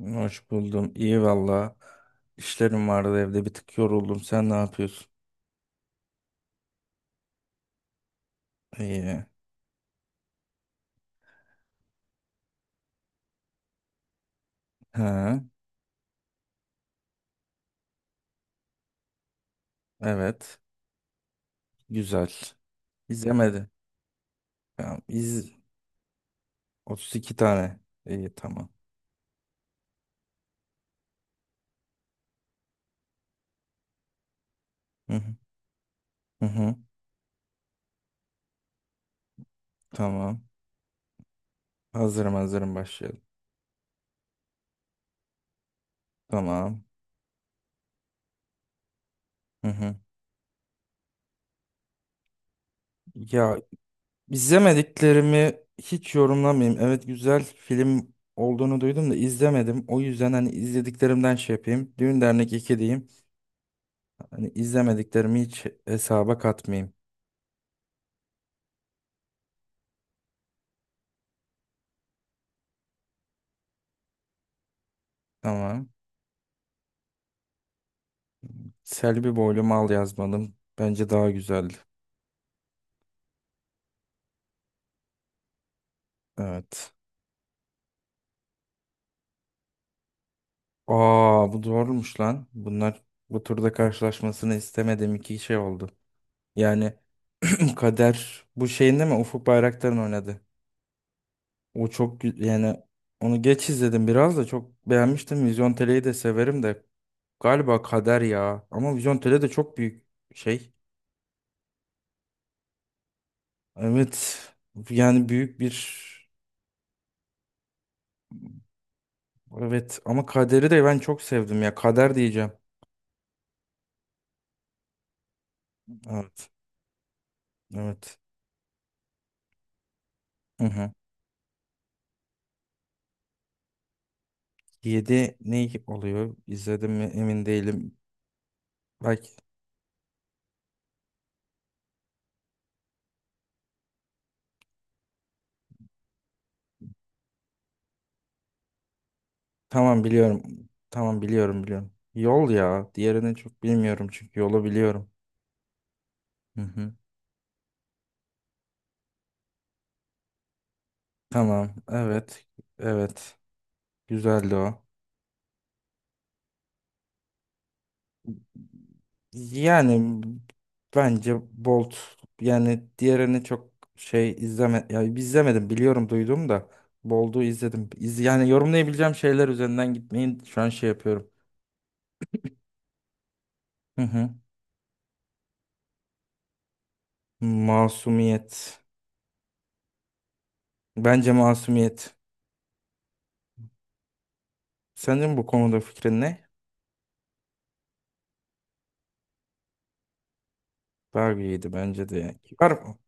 Hoş buldum. İyi valla. İşlerim vardı, evde bir tık yoruldum. Sen ne yapıyorsun? İyi. Ha, evet. Güzel. İzlemedi. Tamam. 32 tane. İyi, tamam. Hı hı. Hı hı. Tamam. Hazırım, hazırım başlayalım. Tamam. Hı hı. Ya, izlemediklerimi hiç yorumlamayayım. Evet, güzel film olduğunu duydum da izlemedim. O yüzden hani izlediklerimden şey yapayım. Düğün Dernek 2 diyeyim. Hani izlemediklerimi hiç hesaba katmayayım. Tamam. Selvi boylu mal yazmadım. Bence daha güzeldi. Evet. Aa, bu doğruymuş lan. Bunlar bu turda karşılaşmasını istemediğim iki şey oldu. Yani Kader bu şeyinde mi Ufuk Bayraktar'ın oynadı. Yani onu geç izledim, biraz da çok beğenmiştim. Vizyon Tele'yi de severim de galiba Kader ya. Ama Vizyon Tele de çok büyük şey. Evet. Yani büyük bir. Evet, ama Kader'i de ben çok sevdim ya. Kader diyeceğim. Evet. Evet. Hı hı. 7 ne oluyor? İzledim mi emin değilim. Bak, tamam biliyorum. Tamam, biliyorum biliyorum. Yol ya. Diğerini çok bilmiyorum çünkü yolu biliyorum. Hı hı. Tamam. Evet. Evet. Güzeldi o. Yani bence Bolt, yani diğerini çok şey izleme. Yani izlemedim, biliyorum, duydum da Bolt'u izledim. Yani yorumlayabileceğim şeyler üzerinden gitmeyin, şu an şey yapıyorum. Hı hı. Masumiyet. Bence masumiyet. Senin bu konuda fikrin ne? Barbie'ydi bence de, yani. Kibar mı?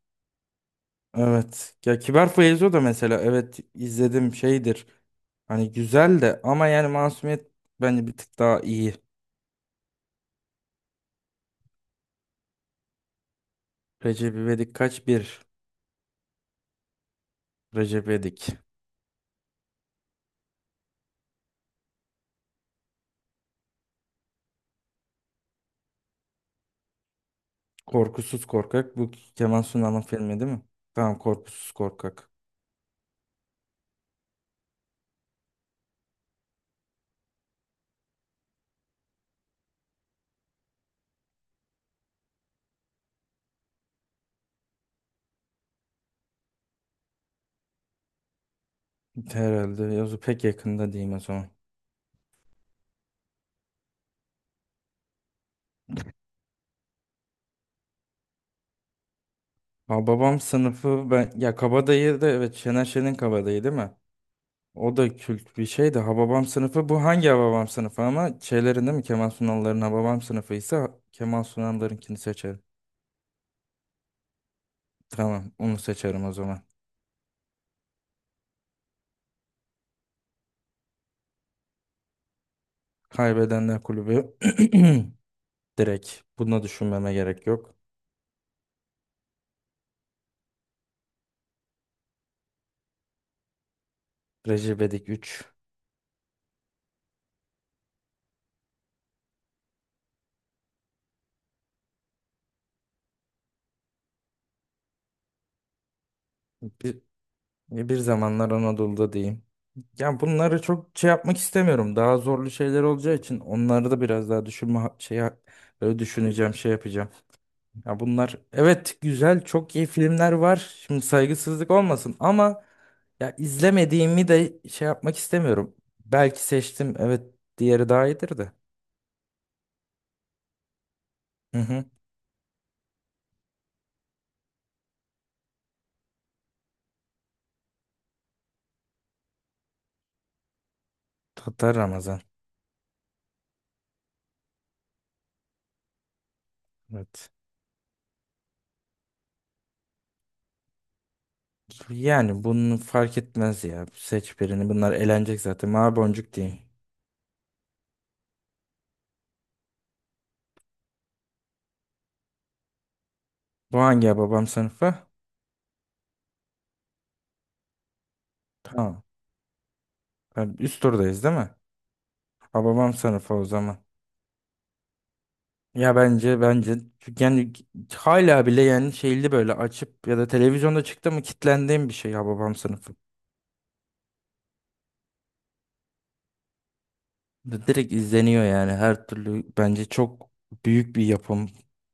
Evet. Ya Kibar Feyzo da mesela, evet izledim, şeydir. Hani güzel de, ama yani masumiyet bence bir tık daha iyi. Recep İvedik kaç bir? Recep İvedik. Korkusuz Korkak. Bu Kemal Sunal'ın filmi değil mi? Tamam, Korkusuz Korkak. Herhalde. Yazı pek yakında diyeyim o zaman. Ha, babam sınıfı ben ya, Kabadayı da evet Şener Şen'in, Kabadayı değil mi? O da kült bir şey de, Hababam sınıfı bu hangi Hababam sınıfı ama, şeylerinde mi Kemal Sunal'ların Hababam sınıfı ise Kemal Sunal'larınkini seçerim. Tamam, onu seçerim o zaman. Kaybedenler Kulübü. Direkt bunu düşünmeme gerek yok. Recep İvedik 3 bir, bir zamanlar Anadolu'da diyeyim. Ya, bunları çok şey yapmak istemiyorum. Daha zorlu şeyler olacağı için onları da biraz daha düşünme şey böyle düşüneceğim şey yapacağım. Ya, bunlar evet güzel, çok iyi filmler var. Şimdi saygısızlık olmasın ama ya, izlemediğimi de şey yapmak istemiyorum. Belki seçtim, evet diğeri daha iyidir de. Hı hı. Tatar Ramazan. Evet. Yani bunu fark etmez ya. Seç birini. Bunlar eğlenecek zaten. Mavi boncuk diyeyim. Bu hangi Hababam sınıfı? Tamam. Yani üst turdayız değil mi? Hababam sınıfı o zaman. Ya bence, bence çünkü yani, hala bile yani şeyli böyle açıp ya da televizyonda çıktı mı kitlendiğim bir şey ya, babam sınıfı. Direkt izleniyor yani, her türlü bence çok büyük bir yapım,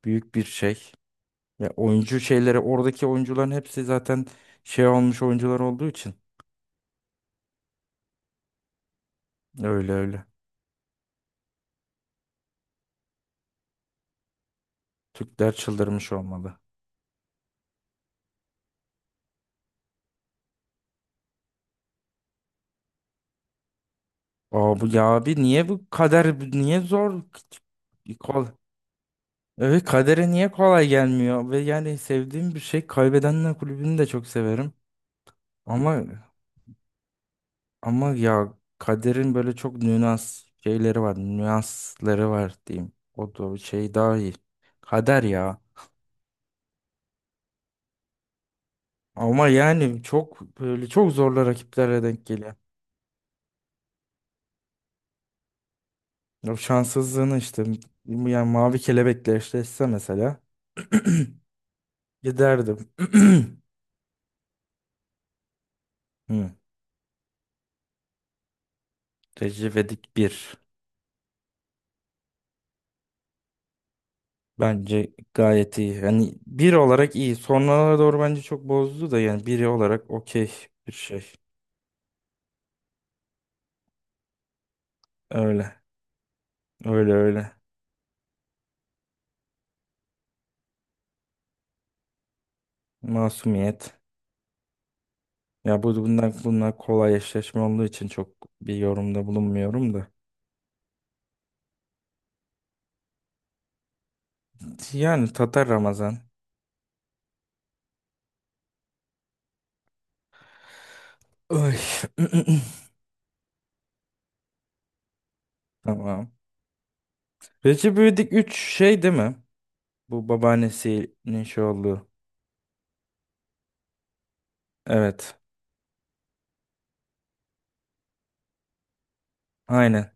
büyük bir şey. Ya oyuncu şeyleri, oradaki oyuncuların hepsi zaten şey olmuş oyuncular olduğu için öyle öyle. Türkler çıldırmış olmalı. Aa, bu ya abi, niye bu kader niye zor? Evet, kadere niye kolay gelmiyor ve yani sevdiğim bir şey, Kaybedenler Kulübü'nü de çok severim ama ama ya kaderin böyle çok nüans şeyleri var, nüansları var diyeyim, o da şey daha iyi, kader ya, ama yani çok böyle çok zorlu rakiplerle denk geliyor, o şanssızlığını işte, yani Mavi Kelebek'le eşleşse mesela giderdim. Hı. Recep İvedik 1. Bence gayet iyi. Yani bir olarak iyi. Sonralara doğru bence çok bozdu da, yani biri olarak okey bir şey. Öyle. Öyle öyle. Masumiyet. Ya bu bundan, bunlar kolay eşleşme olduğu için çok bir yorumda bulunmuyorum da. Yani Tatar Ramazan. Ay. Tamam. Recep İvedik üç şey değil mi? Bu babaannesinin şey olduğu. Evet. Aynen.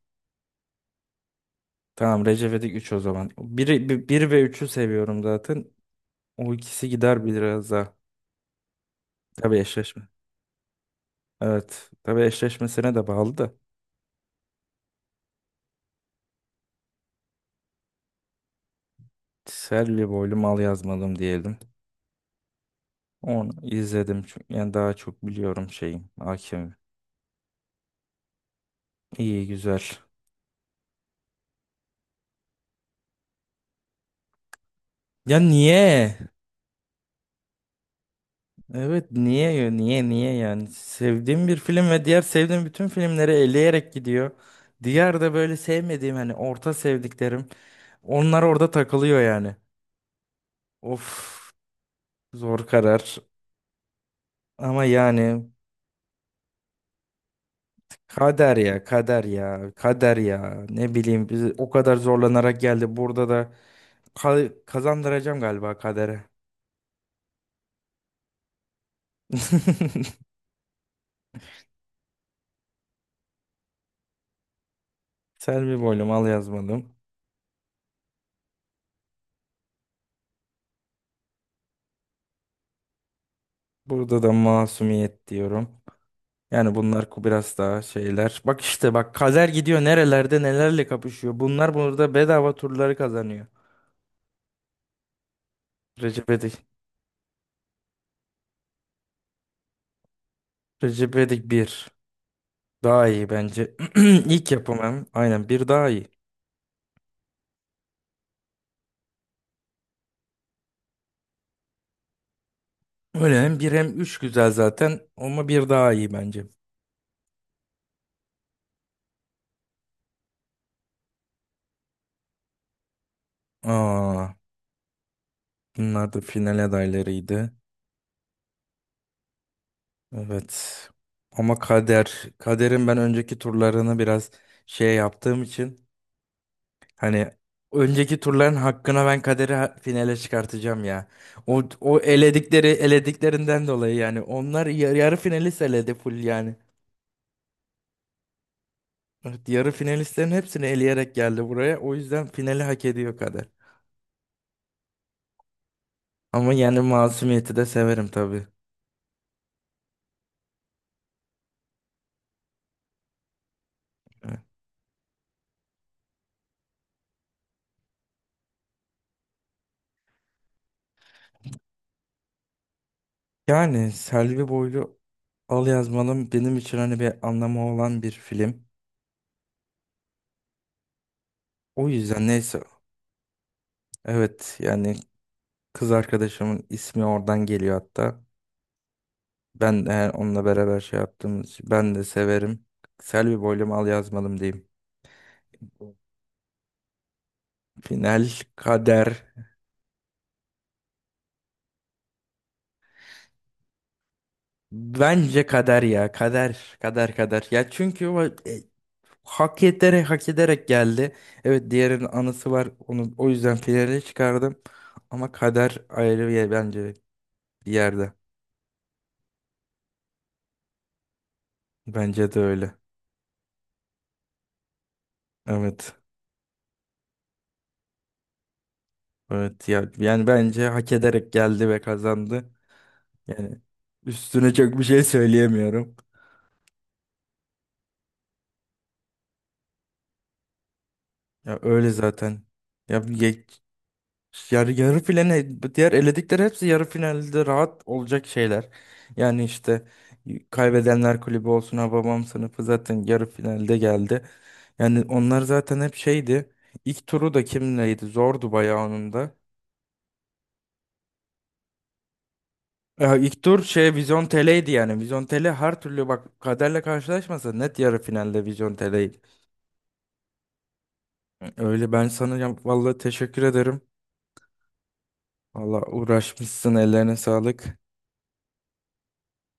Tamam, Recep İvedik üç o zaman. Bir, ve üçü seviyorum zaten. O ikisi gider biraz daha. Tabii eşleşme. Evet. Tabii, eşleşmesine de bağlı da. Selvi boylu mal yazmadım diyelim. Onu izledim çünkü yani daha çok biliyorum şeyim. Hakim. İyi, güzel. Ya niye? Evet, niye ya? Niye niye yani sevdiğim bir film ve diğer sevdiğim bütün filmleri eleyerek gidiyor. Diğer de böyle sevmediğim, hani orta sevdiklerim, onlar orada takılıyor yani. Of, zor karar ama yani. Kader ya, kader ya, kader ya. Ne bileyim, biz o kadar zorlanarak geldi. Burada da kazandıracağım galiba kadere. Selvi boylum al yazmadım. Burada da masumiyet diyorum. Yani bunlar biraz daha şeyler. Bak işte bak, kader gidiyor nerelerde nelerle kapışıyor. Bunlar burada bedava turları kazanıyor. Recep Edik. Recep Edik 1. Daha iyi bence. İlk yapımım. Aynen, bir daha iyi. Öyle, hem bir hem üç güzel zaten ama bir daha iyi bence. Aa, bunlar da final adaylarıydı. Evet. Ama kader, kaderin ben önceki turlarını biraz şey yaptığım için hani, önceki turların hakkına ben kaderi finale çıkartacağım ya. O elediklerinden dolayı yani, onlar yarı finalist eledi full yani. Evet, yarı finalistlerin hepsini eleyerek geldi buraya. O yüzden finali hak ediyor kader. Ama yani masumiyeti de severim tabii. Evet. Yani Selvi Boylu Al Yazmalım benim için hani bir anlamı olan bir film. O yüzden neyse. Evet yani, kız arkadaşımın ismi oradan geliyor hatta. Ben eğer onunla beraber şey yaptığımız, ben de severim. Selvi Boylum Al Yazmalım diyeyim. Final, kader. Bence kader ya. Kader. Kader kader. Ya çünkü o hak ederek hak ederek geldi. Evet, diğerinin anısı var. Onu o yüzden finale çıkardım. Ama kader ayrı bir yer bence, bir yerde. Bence de öyle. Evet. Evet ya, yani bence hak ederek geldi ve kazandı. Yani üstüne çok bir şey söyleyemiyorum. Ya öyle zaten. Ya, yani yarı finale diğer eledikleri hepsi yarı finalde rahat olacak şeyler. Yani işte, kaybedenler kulübü olsun, Hababam sınıfı zaten yarı finalde geldi. Yani onlar zaten hep şeydi. İlk turu da kimleydi? Zordu bayağı onun da. Ya ilk tur şey Vizyon Tele'ydi yani. Vizyon Tele her türlü, bak, kaderle karşılaşmasa net yarı finalde Vizyon Tele'ydi. Öyle, ben sana vallahi teşekkür ederim. Vallahi uğraşmışsın, ellerine sağlık.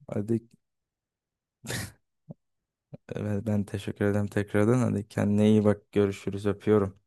Hadi, evet, ben teşekkür ederim tekrardan. Hadi kendine iyi bak. Görüşürüz. Öpüyorum.